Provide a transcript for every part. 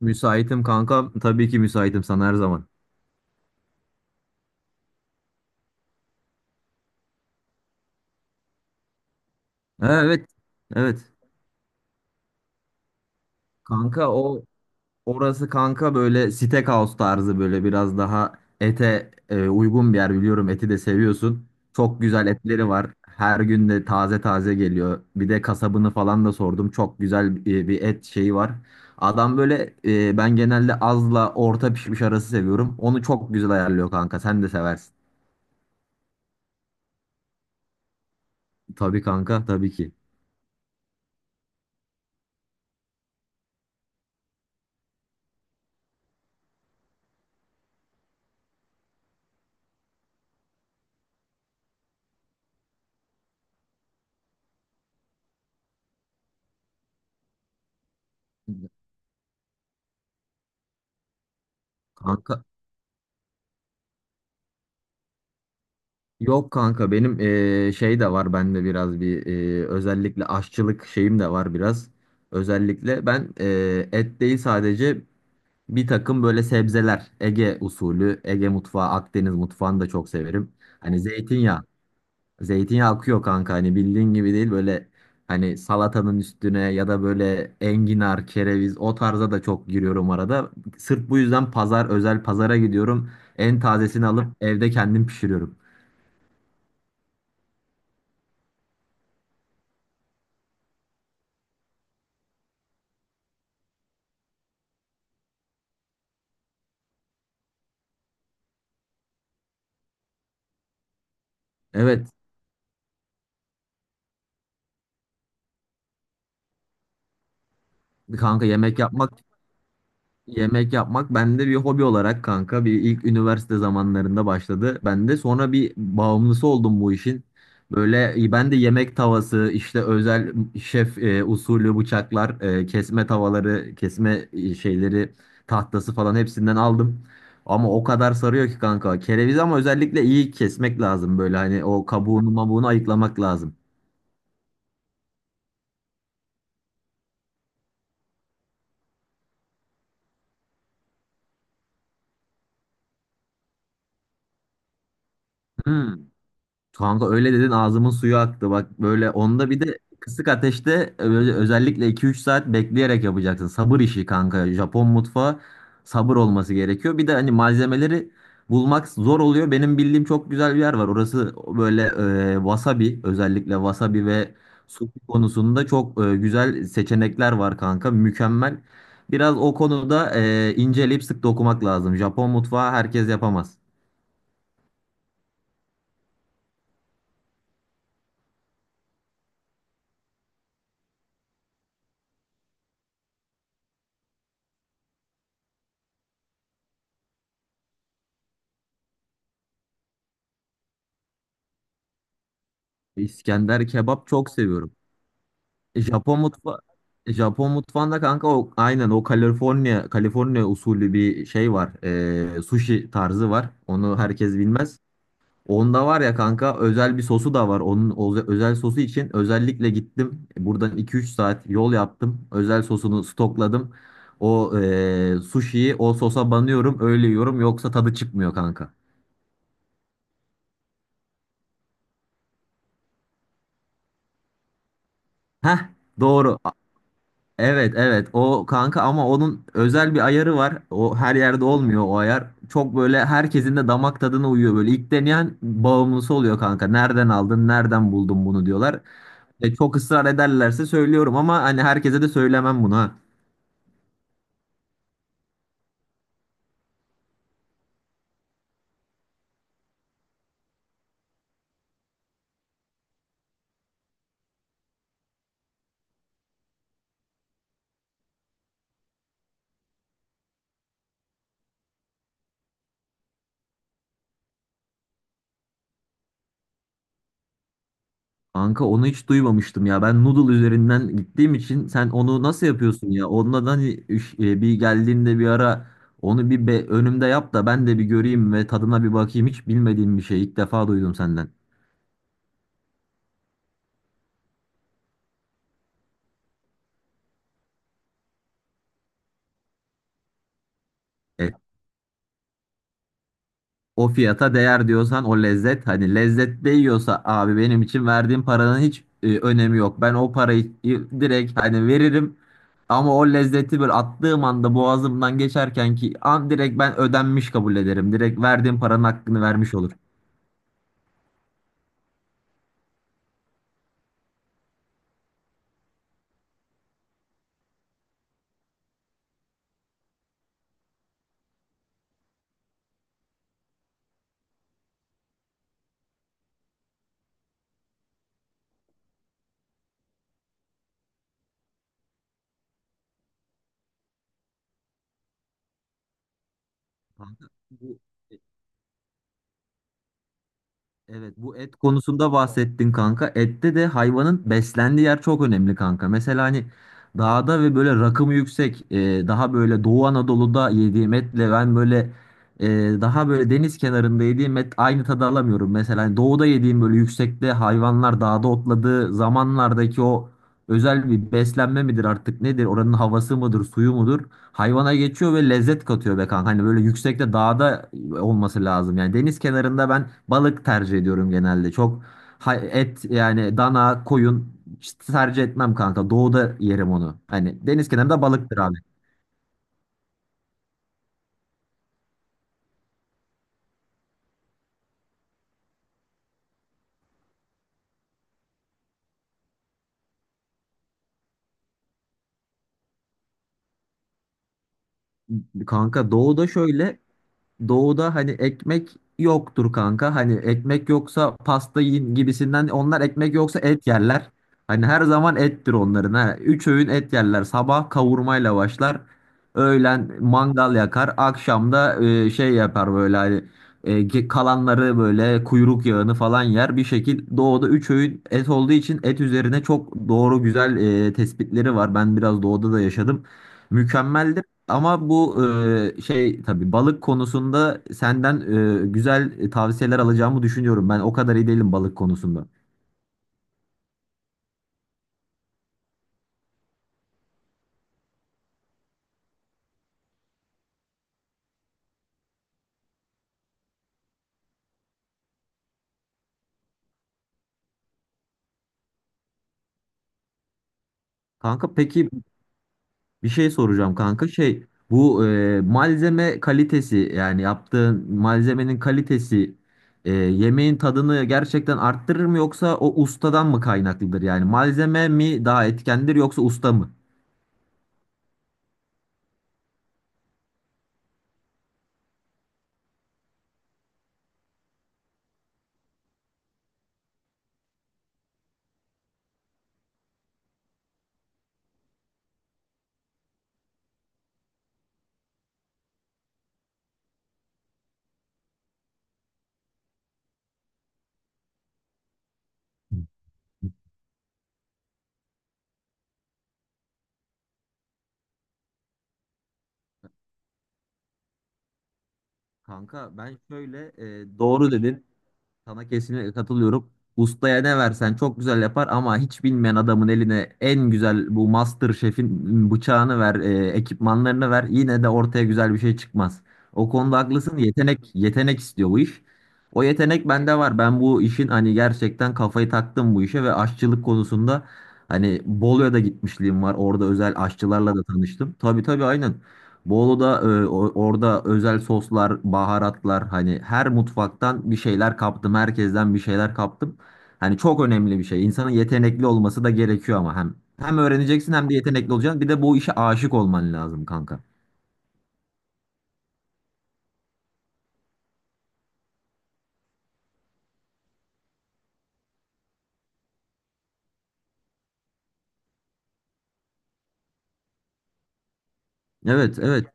Müsaitim kanka. Tabii ki müsaitim sana her zaman. Ha, evet. Evet. Kanka o orası kanka böyle steakhouse tarzı böyle biraz daha ete uygun bir yer biliyorum. Eti de seviyorsun. Çok güzel etleri var. Her gün de taze taze geliyor. Bir de kasabını falan da sordum. Çok güzel bir et şeyi var. Adam böyle ben genelde azla orta pişmiş arası seviyorum. Onu çok güzel ayarlıyor kanka. Sen de seversin. Tabii kanka tabii ki. Kanka Yok kanka benim şey de var bende biraz bir özellikle aşçılık şeyim de var biraz. Özellikle ben et değil sadece bir takım böyle sebzeler Ege usulü Ege mutfağı Akdeniz mutfağını da çok severim. Hani zeytinyağı akıyor kanka hani bildiğin gibi değil böyle hani salatanın üstüne ya da böyle enginar kereviz o tarza da çok giriyorum arada. Sırf bu yüzden pazar özel pazara gidiyorum en tazesini alıp evde kendim pişiriyorum. Evet. Kanka yemek yapmak bende bir hobi olarak kanka bir ilk üniversite zamanlarında başladı. Ben de sonra bir bağımlısı oldum bu işin. Böyle ben de yemek tavası işte özel şef usulü bıçaklar, kesme tavaları, kesme şeyleri, tahtası falan hepsinden aldım. Ama o kadar sarıyor ki kanka. Kereviz ama özellikle iyi kesmek lazım böyle hani o kabuğunu mabuğunu ayıklamak lazım. Hmm. Kanka öyle dedin ağzımın suyu aktı. Bak böyle onda bir de kısık ateşte özellikle 2-3 saat bekleyerek yapacaksın. Sabır işi kanka. Japon mutfağı sabır olması gerekiyor. Bir de hani malzemeleri bulmak zor oluyor. Benim bildiğim çok güzel bir yer var. Orası böyle wasabi özellikle wasabi ve sushi konusunda çok güzel seçenekler var kanka. Mükemmel. Biraz o konuda inceleyip sık dokumak lazım. Japon mutfağı herkes yapamaz. İskender kebap çok seviyorum. E, Japon mutfa Japon mutfağında kanka o aynen o Kaliforniya usulü bir şey var. Sushi tarzı var. Onu herkes bilmez. Onda var ya kanka özel bir sosu da var. Onun özel sosu için özellikle gittim. Buradan iki üç saat yol yaptım. Özel sosunu stokladım. O sushi'yi o sosa banıyorum öyle yiyorum yoksa tadı çıkmıyor kanka. Heh doğru. Evet, evet, o kanka ama onun özel bir ayarı var. O her yerde olmuyor o ayar. Çok böyle herkesin de damak tadına uyuyor böyle. İlk deneyen bağımlısı oluyor kanka. Nereden aldın, nereden buldun bunu diyorlar. Çok ısrar ederlerse söylüyorum ama hani herkese de söylemem bunu ha. Kanka onu hiç duymamıştım ya. Ben noodle üzerinden gittiğim için sen onu nasıl yapıyorsun ya? Ondan hani bir geldiğinde bir ara onu önümde yap da ben de bir göreyim ve tadına bir bakayım. Hiç bilmediğim bir şey. İlk defa duydum senden. E, O fiyata değer diyorsan o lezzet hani lezzet değiyorsa abi benim için verdiğim paranın hiç önemi yok. Ben o parayı direkt hani veririm ama o lezzeti böyle attığım anda boğazımdan geçerken ki an direkt ben ödenmiş kabul ederim. Direkt verdiğim paranın hakkını vermiş olur. Kanka, bu Evet, bu et konusunda bahsettin kanka. Ette de hayvanın beslendiği yer çok önemli kanka. Mesela hani dağda ve böyle rakımı yüksek daha böyle Doğu Anadolu'da yediğim etle ben böyle e, daha böyle deniz kenarında yediğim et aynı tadı alamıyorum. Mesela hani doğuda yediğim böyle yüksekte hayvanlar dağda otladığı zamanlardaki o özel bir beslenme midir artık nedir? Oranın havası mıdır, suyu mudur? Hayvana geçiyor ve lezzet katıyor be kanka. Hani böyle yüksekte dağda olması lazım. Yani deniz kenarında ben balık tercih ediyorum genelde. Çok et yani dana, koyun işte tercih etmem kanka. Doğuda yerim onu. Hani deniz kenarında balıktır abi. Kanka doğuda şöyle Doğuda hani ekmek yoktur kanka. Hani ekmek yoksa pasta yiyin gibisinden. Onlar ekmek yoksa et yerler. Hani her zaman ettir onların. Ha. 3 öğün et yerler. Sabah kavurmayla başlar. Öğlen mangal yakar. Akşamda şey yapar böyle hani kalanları böyle kuyruk yağını falan yer. Bir şekil doğuda 3 öğün et olduğu için et üzerine çok doğru güzel tespitleri var. Ben biraz doğuda da yaşadım. Mükemmel ama bu şey tabii balık konusunda senden güzel tavsiyeler alacağımı düşünüyorum. Ben o kadar iyi değilim balık konusunda. Kanka peki bir şey soracağım kanka. Şey bu malzeme kalitesi yani yaptığın malzemenin kalitesi yemeğin tadını gerçekten arttırır mı yoksa o ustadan mı kaynaklıdır? Yani malzeme mi daha etkendir yoksa usta mı? Kanka ben şöyle e, doğru dedin. Sana kesinlikle katılıyorum. Ustaya ne versen çok güzel yapar ama hiç bilmeyen adamın eline en güzel bu Master Chef'in bıçağını ver, ekipmanlarını ver yine de ortaya güzel bir şey çıkmaz. O konuda haklısın. Yetenek istiyor bu iş. O yetenek bende var. Ben bu işin hani gerçekten kafayı taktım bu işe ve aşçılık konusunda hani Bolu'ya da gitmişliğim var. Orada özel aşçılarla da tanıştım. Tabii tabii aynen. Bolu'da orada özel soslar, baharatlar hani her mutfaktan bir şeyler kaptım. Herkesten bir şeyler kaptım. Hani çok önemli bir şey. İnsanın yetenekli olması da gerekiyor ama hem öğreneceksin hem de yetenekli olacaksın. Bir de bu işe aşık olman lazım kanka. Evet, evet.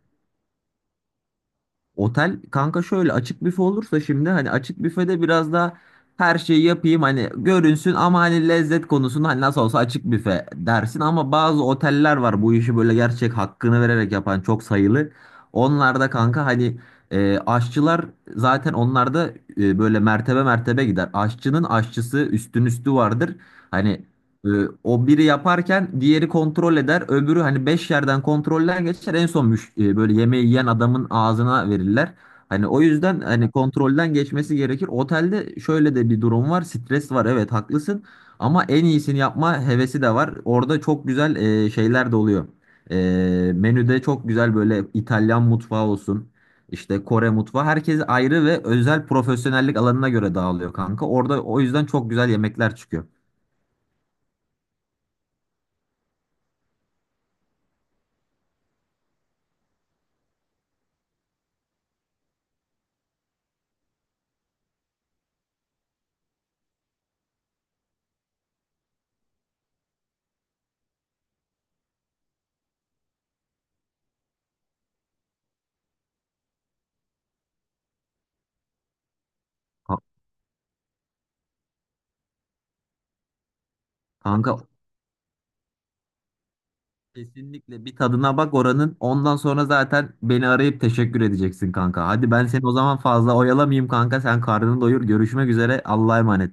Otel kanka şöyle açık büfe olursa şimdi hani açık büfede biraz daha her şeyi yapayım hani görünsün ama hani lezzet konusunda hani nasıl olsa açık büfe dersin ama bazı oteller var bu işi böyle gerçek hakkını vererek yapan çok sayılı. Onlarda kanka hani aşçılar zaten onlarda böyle mertebe mertebe gider. Aşçının aşçısı üstün üstü vardır. Hani ee, o biri yaparken diğeri kontrol eder. Öbürü hani 5 yerden kontrolden geçer. En son böyle yemeği yiyen adamın ağzına verirler. Hani o yüzden hani kontrolden geçmesi gerekir. Otelde şöyle de bir durum var. Stres var. Evet, haklısın. Ama en iyisini yapma hevesi de var. Orada çok güzel şeyler de oluyor. E, Menüde çok güzel böyle İtalyan mutfağı olsun. İşte Kore mutfağı. Herkes ayrı ve özel profesyonellik alanına göre dağılıyor kanka. Orada o yüzden çok güzel yemekler çıkıyor. Ka- Kanka Kesinlikle bir tadına bak oranın. Ondan sonra zaten beni arayıp teşekkür edeceksin kanka. Hadi ben seni o zaman fazla oyalamayayım kanka. Sen karnını doyur. Görüşmek üzere. Allah'a emanet.